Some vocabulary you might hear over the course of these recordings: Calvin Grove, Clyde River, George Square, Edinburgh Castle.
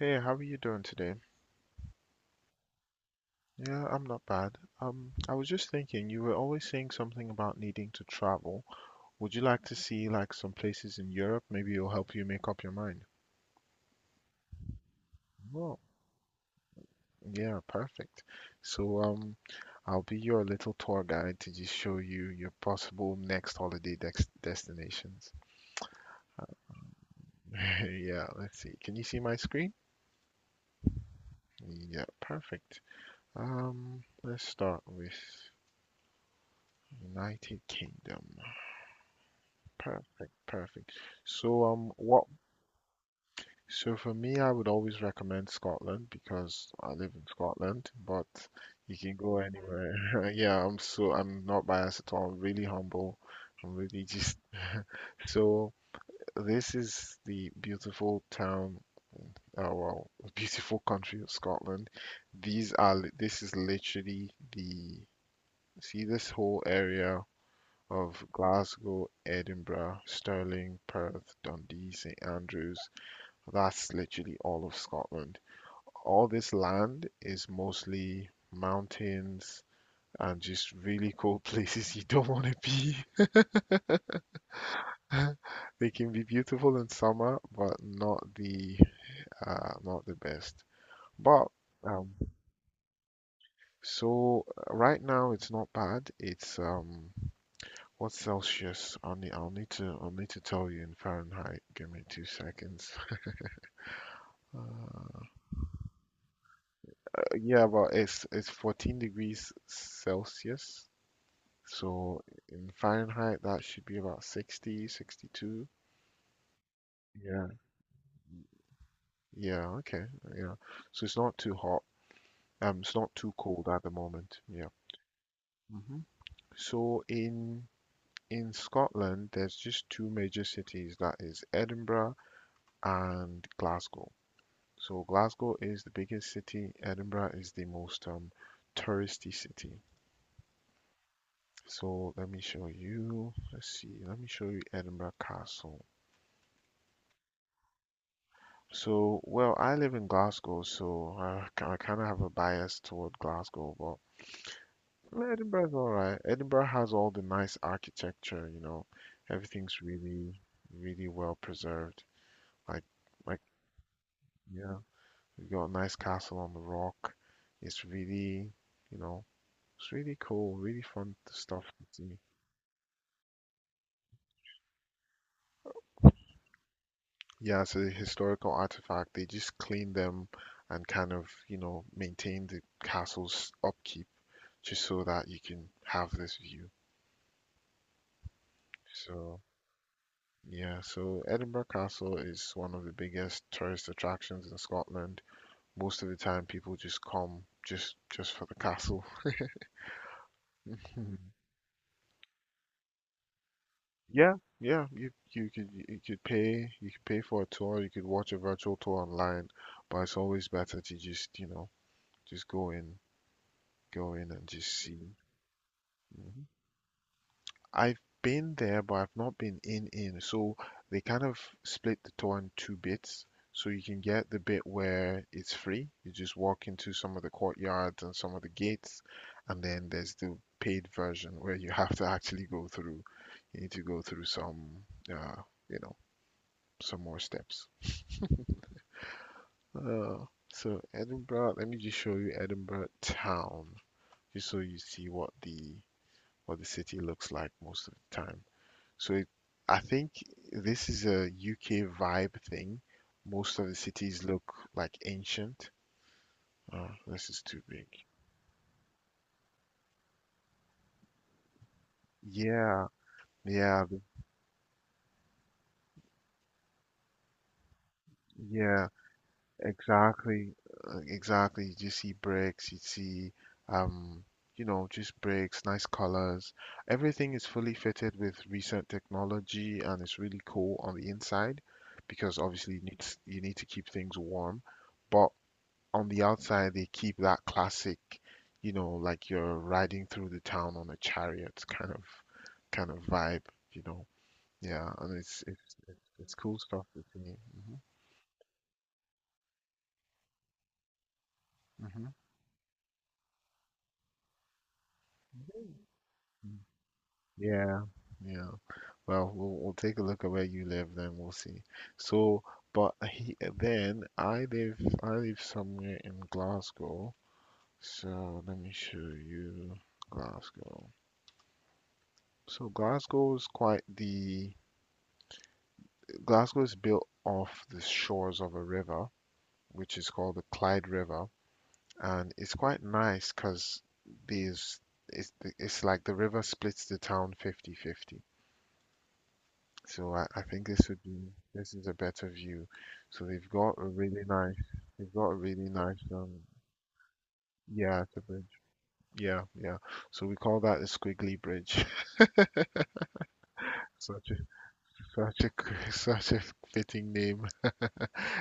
Hey, how are you doing today? Yeah, I'm not bad. I was just thinking, you were always saying something about needing to travel. Would you like to see like some places in Europe? Maybe it'll help you make up your mind. Well, yeah, perfect. So, um, I'll be your little tour guide to just show you your possible next holiday dex destinations. Yeah, let's see. Can you see my screen? Yeah, perfect. Let's start with United Kingdom. Perfect, perfect. So um what so for me I would always recommend Scotland because I live in Scotland, but you can go anywhere. Yeah, I'm not biased at all. I'm really humble. I'm really just so this is the beautiful town the beautiful country of Scotland. This is literally the, see this whole area of Glasgow, Edinburgh, Stirling, Perth, Dundee, St Andrews. That's literally all of Scotland. All this land is mostly mountains and just really cold places you don't want to be. They can be beautiful in summer, but not the not the best. But um, right now it's not bad. It's What's Celsius? I'll need to tell you in Fahrenheit. Give me two seconds. Uh, yeah, well, it's 14 degrees Celsius. So in Fahrenheit, that should be about 60, 62. Yeah. Yeah. Okay. Yeah. So it's not too hot. It's not too cold at the moment. Yeah. hmm So in Scotland, there's just two major cities. That is Edinburgh and Glasgow. So Glasgow is the biggest city. Edinburgh is the most touristy city. So let me show you. Let's see. Let me show you Edinburgh Castle. So, well, I live in Glasgow, so I kind of have a bias toward Glasgow, but Edinburgh's all right. Edinburgh has all the nice architecture, you know. Everything's really, really well preserved. Like, like, yeah, you got a nice castle on the rock. It's really, you know, it's really cool, really fun stuff to see. Yeah, it's a historical artifact. They just clean them and kind of, you know, maintain the castle's upkeep just so that you can have this view. So, yeah, so Edinburgh Castle is one of the biggest tourist attractions in Scotland. Most of the time people just come just for the castle. Yeah, yeah, you could you could pay for a tour, you could watch a virtual tour online, but it's always better to just, just go in and just see. Mhm. I've been there, but I've not been in in. So they kind of split the tour in two bits. So you can get the bit where it's free. You just walk into some of the courtyards and some of the gates, and then there's the paid version where you have to actually go through. You need to go through some, uh, you know, some more steps. Uh, so Edinburgh, let me just show you Edinburgh town, just so you see what the city looks like most of the time. So it, I think this is a UK vibe thing. Most of the cities look like ancient. Oh, this is too big. Yeah, yeah, th- yeah, exactly, exactly. You just see bricks, you see, um, you know, just bricks, nice colors. Everything is fully fitted with recent technology, and it's really cool on the inside because obviously you need you need to keep things warm. But on the outside they keep that classic, you know, like you're riding through the town on a chariot kind of vibe, you know. Yeah, and it's cool stuff to see. hmm hmm Yeah, yeah. Well, we'll take a look at where you live, then we'll see. So, but he, then I live somewhere in Glasgow. So let me show you Glasgow. So Glasgow is quite the Glasgow is built off the shores of a river, which is called the Clyde River, and it's quite nice because there's it's it's like the river splits the town 50-50. So I think this would be this is a better view. So they've got a really nice they've got a really nice um yeah, it's a bridge, yeah yeah. So we call that the Squiggly Bridge. Such a such a such a fitting name.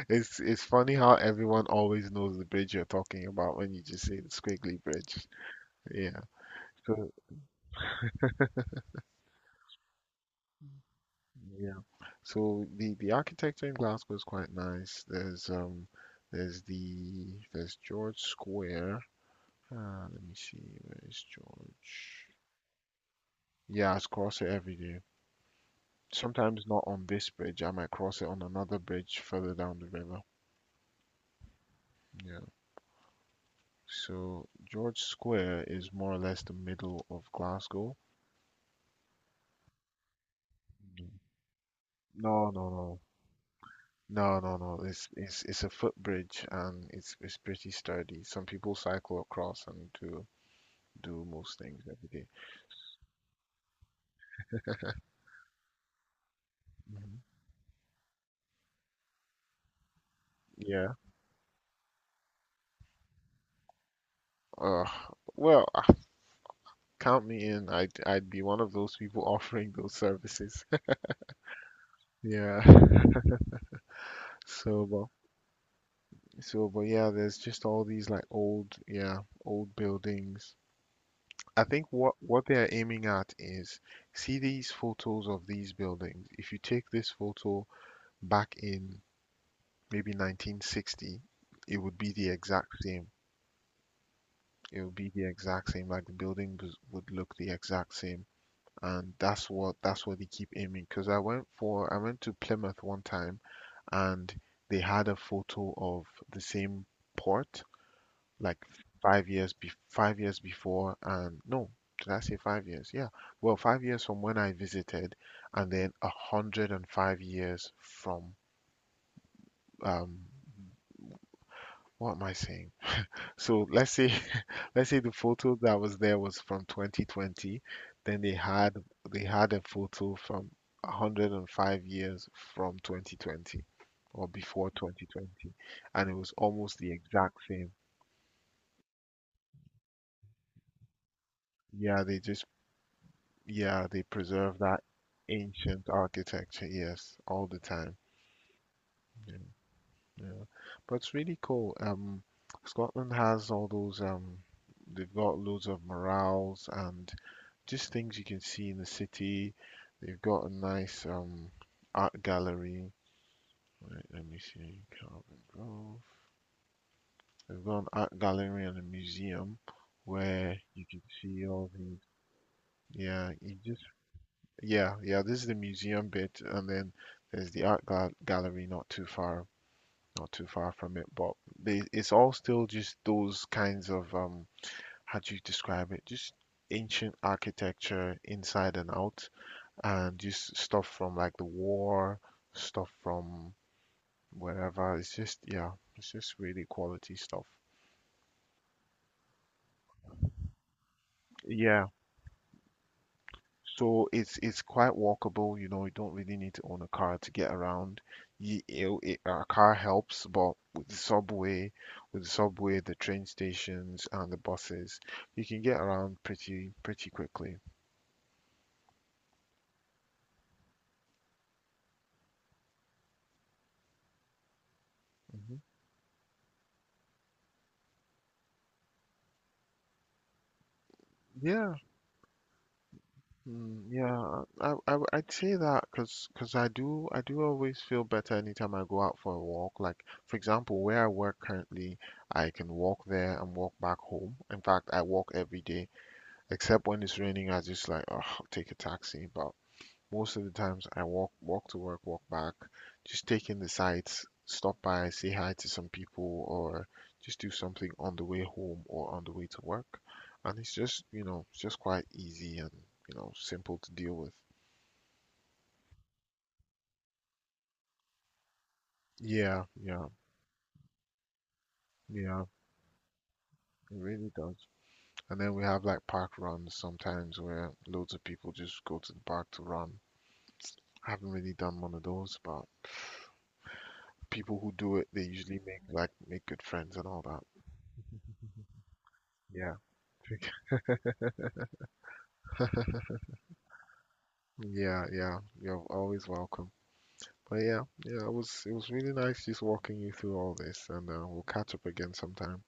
It's funny how everyone always knows the bridge you're talking about when you just say the Squiggly Bridge. Yeah. So yeah. So the architecture in Glasgow is quite nice. There's the there's George Square. Let me see, where is George? Yeah, I cross it every day. Sometimes not on this bridge. I might cross it on another bridge further down the river. Yeah. So George Square is more or less the middle of Glasgow. Mm. No, no, no. No, no, no. It's it's a footbridge and it's pretty sturdy. Some people cycle across and do do most things every day. Mhm. Yeah. Uh, well, uh, Count me in. I'd be one of those people offering those services. Yeah. So, but so, but Yeah. There's just all these like old, yeah, old buildings. I think what they're aiming at is, see these photos of these buildings. If you take this photo back in maybe 1960, it would be the exact same. It would be the exact same. Like the building would look the exact same. And that's what they keep aiming. Because I went to Plymouth one time, and they had a photo of the same port like 5 years before. And no, did I say 5 years? Yeah. Well, 5 years from when I visited, and then 105 years from um, what am I saying? So let's say let's say the photo that was there was from 2020, then they had a photo from 105 years from 2020 or before 2020 and it was almost the exact same. Yeah, they just yeah, they preserve that ancient architecture, yes, all the time. Yeah, yeah. But it's really cool. Scotland has all those they've got loads of murals and just things you can see in the city. They've got a nice art gallery. Wait, let me see, Calvin Grove. They've got an art gallery and a museum where you can see all these. Yeah, you just Yeah yeah. This is the museum bit, and then there's the art gallery not too far from it. But they, it's all still just those kinds of how do you describe it? Just ancient architecture inside and out, and just stuff from like the war, stuff from wherever. It's just yeah, it's just really quality stuff. Yeah. So it's quite walkable, you know, you don't really need to own a car to get around. A car helps, but with the subway, the train stations and the buses, you can get around pretty quickly. hmm Yeah. Mm, yeah, I'd say that because I do always feel better anytime I go out for a walk. Like for example, where I work currently, I can walk there and walk back home. In fact, I walk every day, except when it's raining. I just like, oh, take a taxi. But most of the times I walk to work, walk back, just take in the sights, stop by, say hi to some people, or just do something on the way home or on the way to work. And it's just, you know, it's just quite easy and, you know, simple to deal with. Yeah, yeah, yeah, it really does. And then we have like park runs sometimes where loads of people just go to the park to run. I haven't really done one of those, but people who do it, they usually make make good friends and all that. Yeah. Yeah, yeah, you're always welcome. But yeah, yeah, it was really nice just walking you through all this, and we'll catch up again sometime.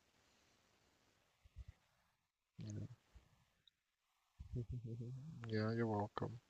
Yeah, yeah, you're welcome.